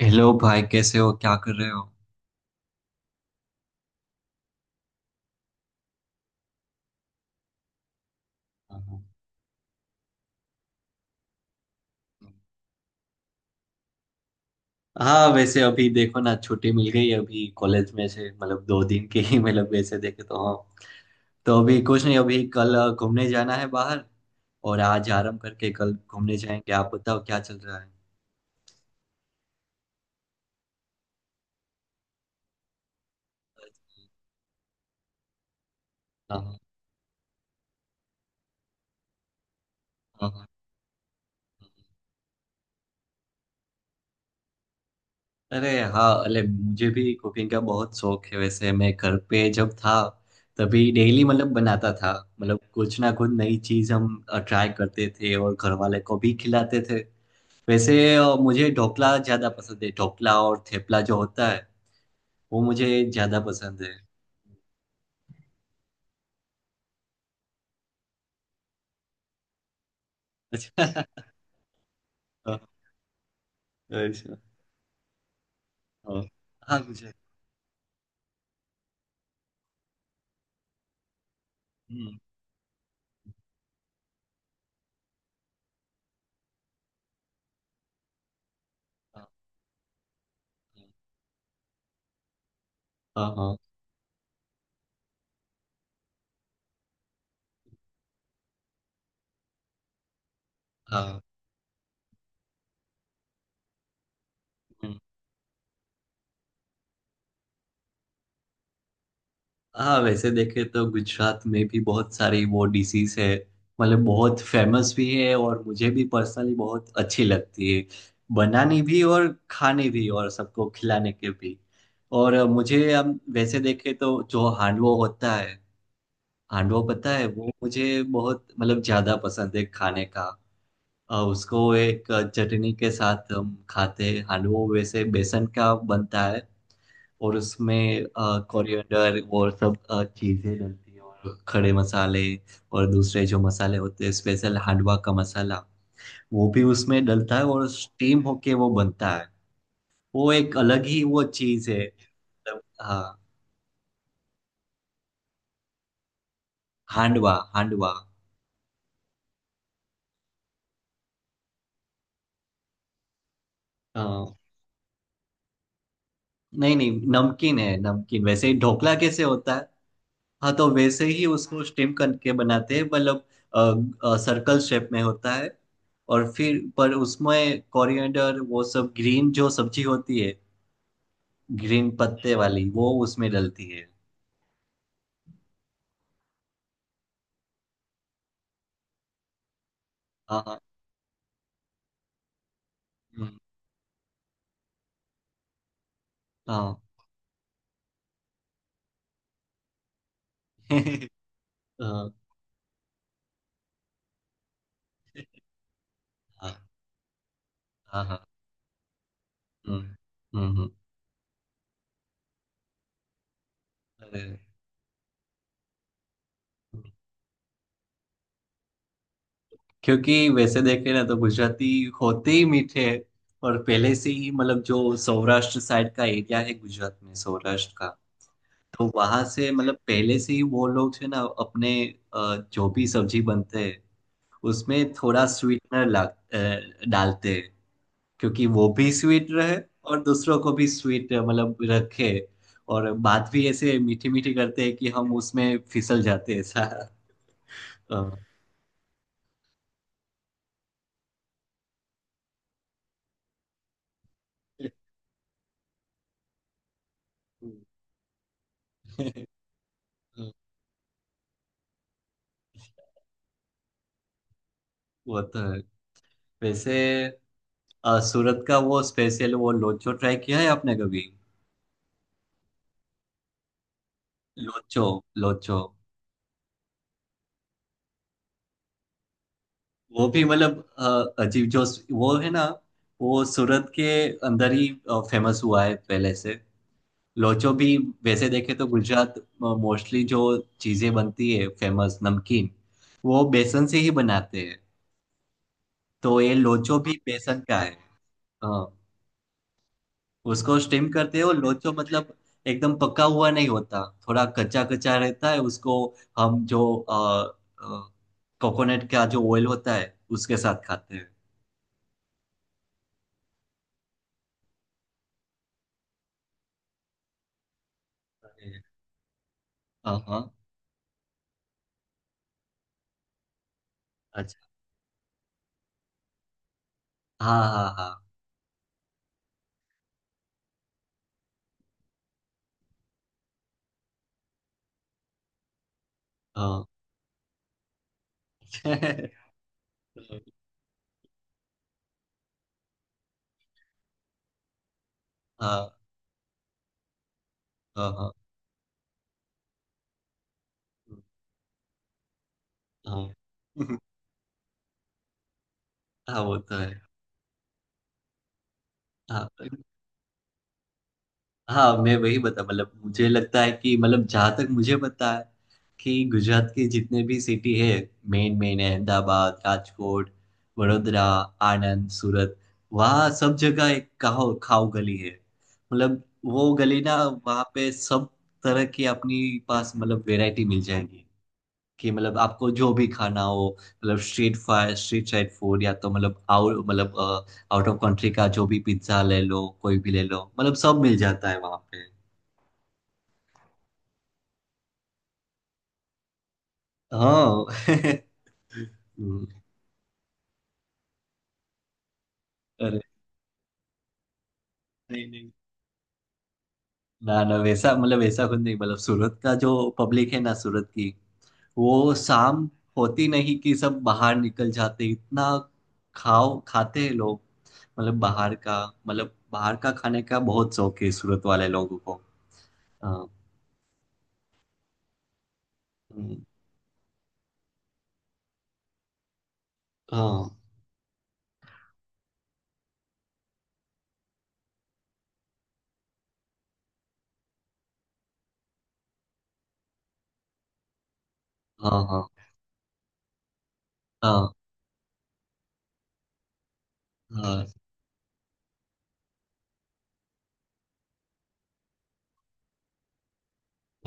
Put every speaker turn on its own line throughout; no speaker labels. Hello भाई, कैसे हो? क्या कर रहे हो? हाँ, हाँ। वैसे अभी देखो ना, छुट्टी मिल गई अभी कॉलेज में से, मतलब दो दिन की ही, मतलब वैसे देखे तो हाँ। तो अभी कुछ नहीं, अभी कल घूमने जाना है बाहर। और आज आराम करके कल घूमने जाएंगे। आप बताओ क्या चल रहा है? हाँ, हाँ। हाँ, हाँ। अरे हाँ, अरे मुझे भी कुकिंग का बहुत शौक है। वैसे मैं घर पे जब था, तभी डेली मतलब बनाता था। मतलब कुछ ना कुछ नई चीज हम ट्राई करते थे और घर वाले को भी खिलाते थे। वैसे मुझे ढोकला ज्यादा पसंद है। ढोकला और थेपला जो होता है, वो मुझे ज्यादा पसंद है। अच्छा। हाँ। अच्छा। हाँ, हाँ, मुझे। हम्म। हाँ, हाँ, हाँ, हाँ। हम्म। हाँ, वैसे देखे तो गुजरात में भी बहुत सारी वो डिशेस है। मतलब बहुत फेमस भी है और मुझे भी पर्सनली बहुत अच्छी लगती है। बनानी भी और खाने भी और सबको खिलाने के भी। और मुझे हम वैसे देखे तो जो हांडवो होता है। हांडवा पता है, वो मुझे बहुत मतलब ज्यादा पसंद है खाने का। उसको एक चटनी के साथ हम खाते हैं। हांडवा वैसे बेसन का बनता है, और उसमें कोरिएंडर और सब चीजें डलती है, और खड़े मसाले और दूसरे जो मसाले होते हैं, स्पेशल हांडवा का मसाला, वो भी उसमें डलता है और स्टीम होके वो बनता है। वो एक अलग ही वो चीज है। मतलब हाँ। हांडवा, हांडवा। नहीं, नहीं, नमकीन है। नमकीन वैसे ही ढोकला कैसे होता है, हाँ, तो वैसे ही उसको स्टीम करके बनाते हैं, मतलब सर्कल शेप में होता है। और फिर पर उसमें कोरिएंडर वो सब ग्रीन जो सब्जी होती है, ग्रीन पत्ते वाली, वो उसमें डलती है। हाँ, हाँ। हम्म। हाँ। हाँ, हाँ, हाँ, हाँ। हम्म, हम्म, हम्म। अरे, क्योंकि वैसे देखे ना, तो गुजराती होते ही मीठे हैं। और पहले से ही, मतलब जो सौराष्ट्र साइड का एरिया है गुजरात में, सौराष्ट्र का, तो वहां से, मतलब पहले से ही वो लोग है ना अपने, जो भी सब्जी बनते हैं उसमें थोड़ा स्वीटनर ला डालते हैं, क्योंकि वो भी स्वीट रहे और दूसरों को भी स्वीट मतलब रखे। और बात भी ऐसे मीठी मीठी करते हैं कि हम उसमें फिसल जाते हैं ऐसा। अ, वो तो है। वैसे सूरत का वो स्पेशल वो लोचो ट्राई किया है आपने कभी? लोचो, लोचो। वो भी मतलब अजीब जो वो है ना, वो सूरत के अंदर ही फेमस हुआ है पहले से। लोचो भी। वैसे देखे तो गुजरात मोस्टली जो चीजें बनती है फेमस नमकीन, वो बेसन से ही बनाते हैं। तो ये लोचो भी बेसन का है। हाँ। उसको स्टीम करते हो, लोचो मतलब एकदम पका हुआ नहीं होता, थोड़ा कच्चा कच्चा रहता है उसको। हम जो कोकोनट का जो ऑयल होता है, उसके साथ खाते हैं। अरे, हाँ, हाँ। अच्छा। हाँ, हाँ, हाँ, हाँ। हाँ, हाँ, हाँ, हाँ। हाँ, वो तो है। हाँ, हाँ, मैं वही बता, मतलब मुझे लगता है कि मतलब, जहाँ तक मुझे पता है कि गुजरात की जितने भी सिटी है मेन मेन है, अहमदाबाद, राजकोट, वडोदरा, आनंद, सूरत, वहाँ सब जगह एक खाओ खाओ गली है। मतलब वो गली ना, वहाँ पे सब तरह की अपनी पास, मतलब वैरायटी मिल जाएगी कि मतलब आपको जो भी खाना हो, मतलब street fire street side food या तो मतलब आउट, मतलब आउट ऑफ कंट्री का जो भी, पिज्जा ले लो, कोई भी ले लो, मतलब सब मिल जाता है वहां पे। हाँ। हम्म। अरे नहीं, नहीं, ना, ना, वैसा मतलब वैसा कुछ नहीं, मतलब सूरत का जो पब्लिक है ना, सूरत की, वो शाम होती नहीं कि सब बाहर निकल जाते, इतना खाओ खाते हैं लोग। मतलब बाहर का, मतलब बाहर का खाने का बहुत शौक है सूरत वाले लोगों को। हाँ। हम्म। हाँ, हाँ, हाँ, हाँ, हाँ,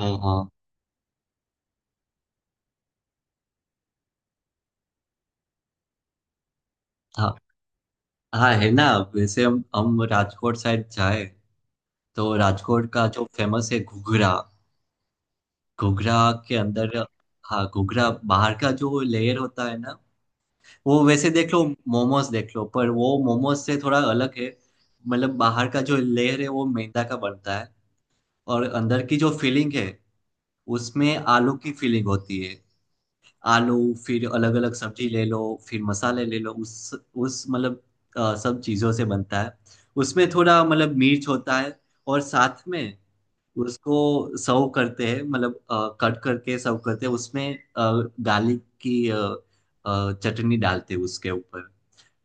हाँ, हाँ, हाँ। हाँ, है ना। वैसे हम राजकोट साइड जाए तो राजकोट का जो फेमस है, घुघरा। घुघरा के अंदर, हाँ, घुघरा बाहर का जो लेयर होता है ना, वो वैसे देख लो, मोमोज देख लो, पर वो मोमोज से थोड़ा अलग है। मतलब बाहर का जो लेयर है वो मैदा का बनता है, और अंदर की जो फीलिंग है, उसमें आलू की फीलिंग होती है। आलू, फिर अलग अलग सब्जी ले लो, फिर मसाले ले लो, उस मतलब सब चीज़ों से बनता है। उसमें थोड़ा मतलब मिर्च होता है, और साथ में उसको सर्व करते हैं, मतलब कट करके सर्व करते हैं, उसमें गार्लिक की चटनी डालते हैं उसके ऊपर।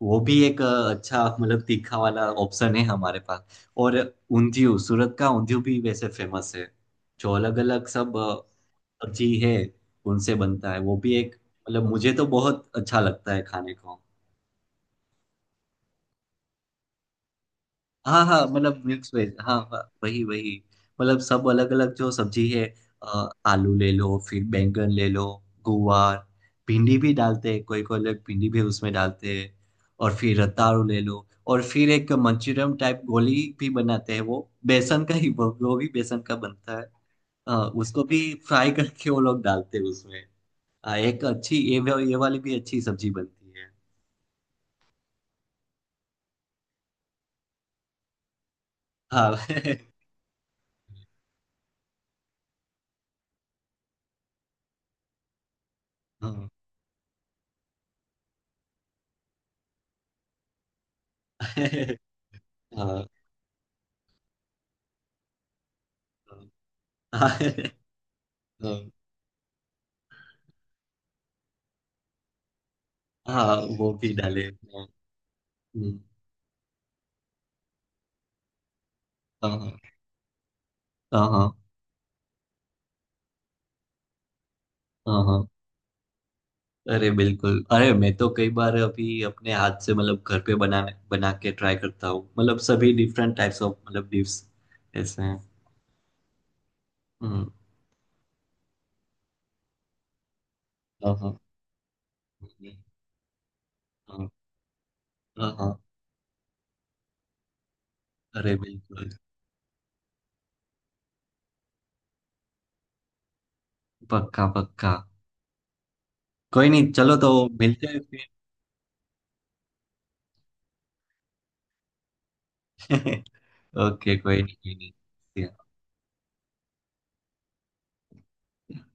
वो भी एक अच्छा, मतलब तीखा वाला ऑप्शन है हमारे पास। और ऊंधियू, सूरत का ऊंधियू भी वैसे फेमस है। जो अलग अलग सब सब्जी है, उनसे बनता है। वो भी एक, मतलब मुझे तो बहुत अच्छा लगता है खाने को। हाँ, हाँ, मतलब मिक्स वेज, हाँ, हाँ, वही वही। मतलब सब अलग अलग जो सब्जी है, आलू ले लो, फिर बैंगन ले लो, गुवार, भिंडी भी डालते हैं, कोई कोई लोग भिंडी भी उसमें डालते हैं। और फिर रताड़ू ले लो, और फिर एक मंचूरियन टाइप गोली भी बनाते हैं, वो बेसन का ही, वो भी बेसन का बनता है। अ, उसको भी फ्राई करके वो लोग डालते हैं उसमें। हाँ, एक अच्छी ये वाली भी अच्छी सब्जी बनती है। हाँ। हाँ, हाँ, हाँ, हाँ, हाँ, वो भी डाले हाँ। हम्म। हाँ, हाँ, हाँ, हाँ, हाँ। अरे बिल्कुल, अरे मैं तो कई बार अभी अपने हाथ से, मतलब घर पे बना बना के ट्राई करता हूँ, मतलब सभी डिफरेंट टाइप्स ऑफ, मतलब डिश ऐसे हैं। हम्म। हाँ, हाँ, हाँ, हाँ, हाँ, हाँ। अरे बिल्कुल। पक्का, पक्का। कोई नहीं, चलो तो मिलते हैं फिर। ओके, कोई नहीं, कोई नहीं।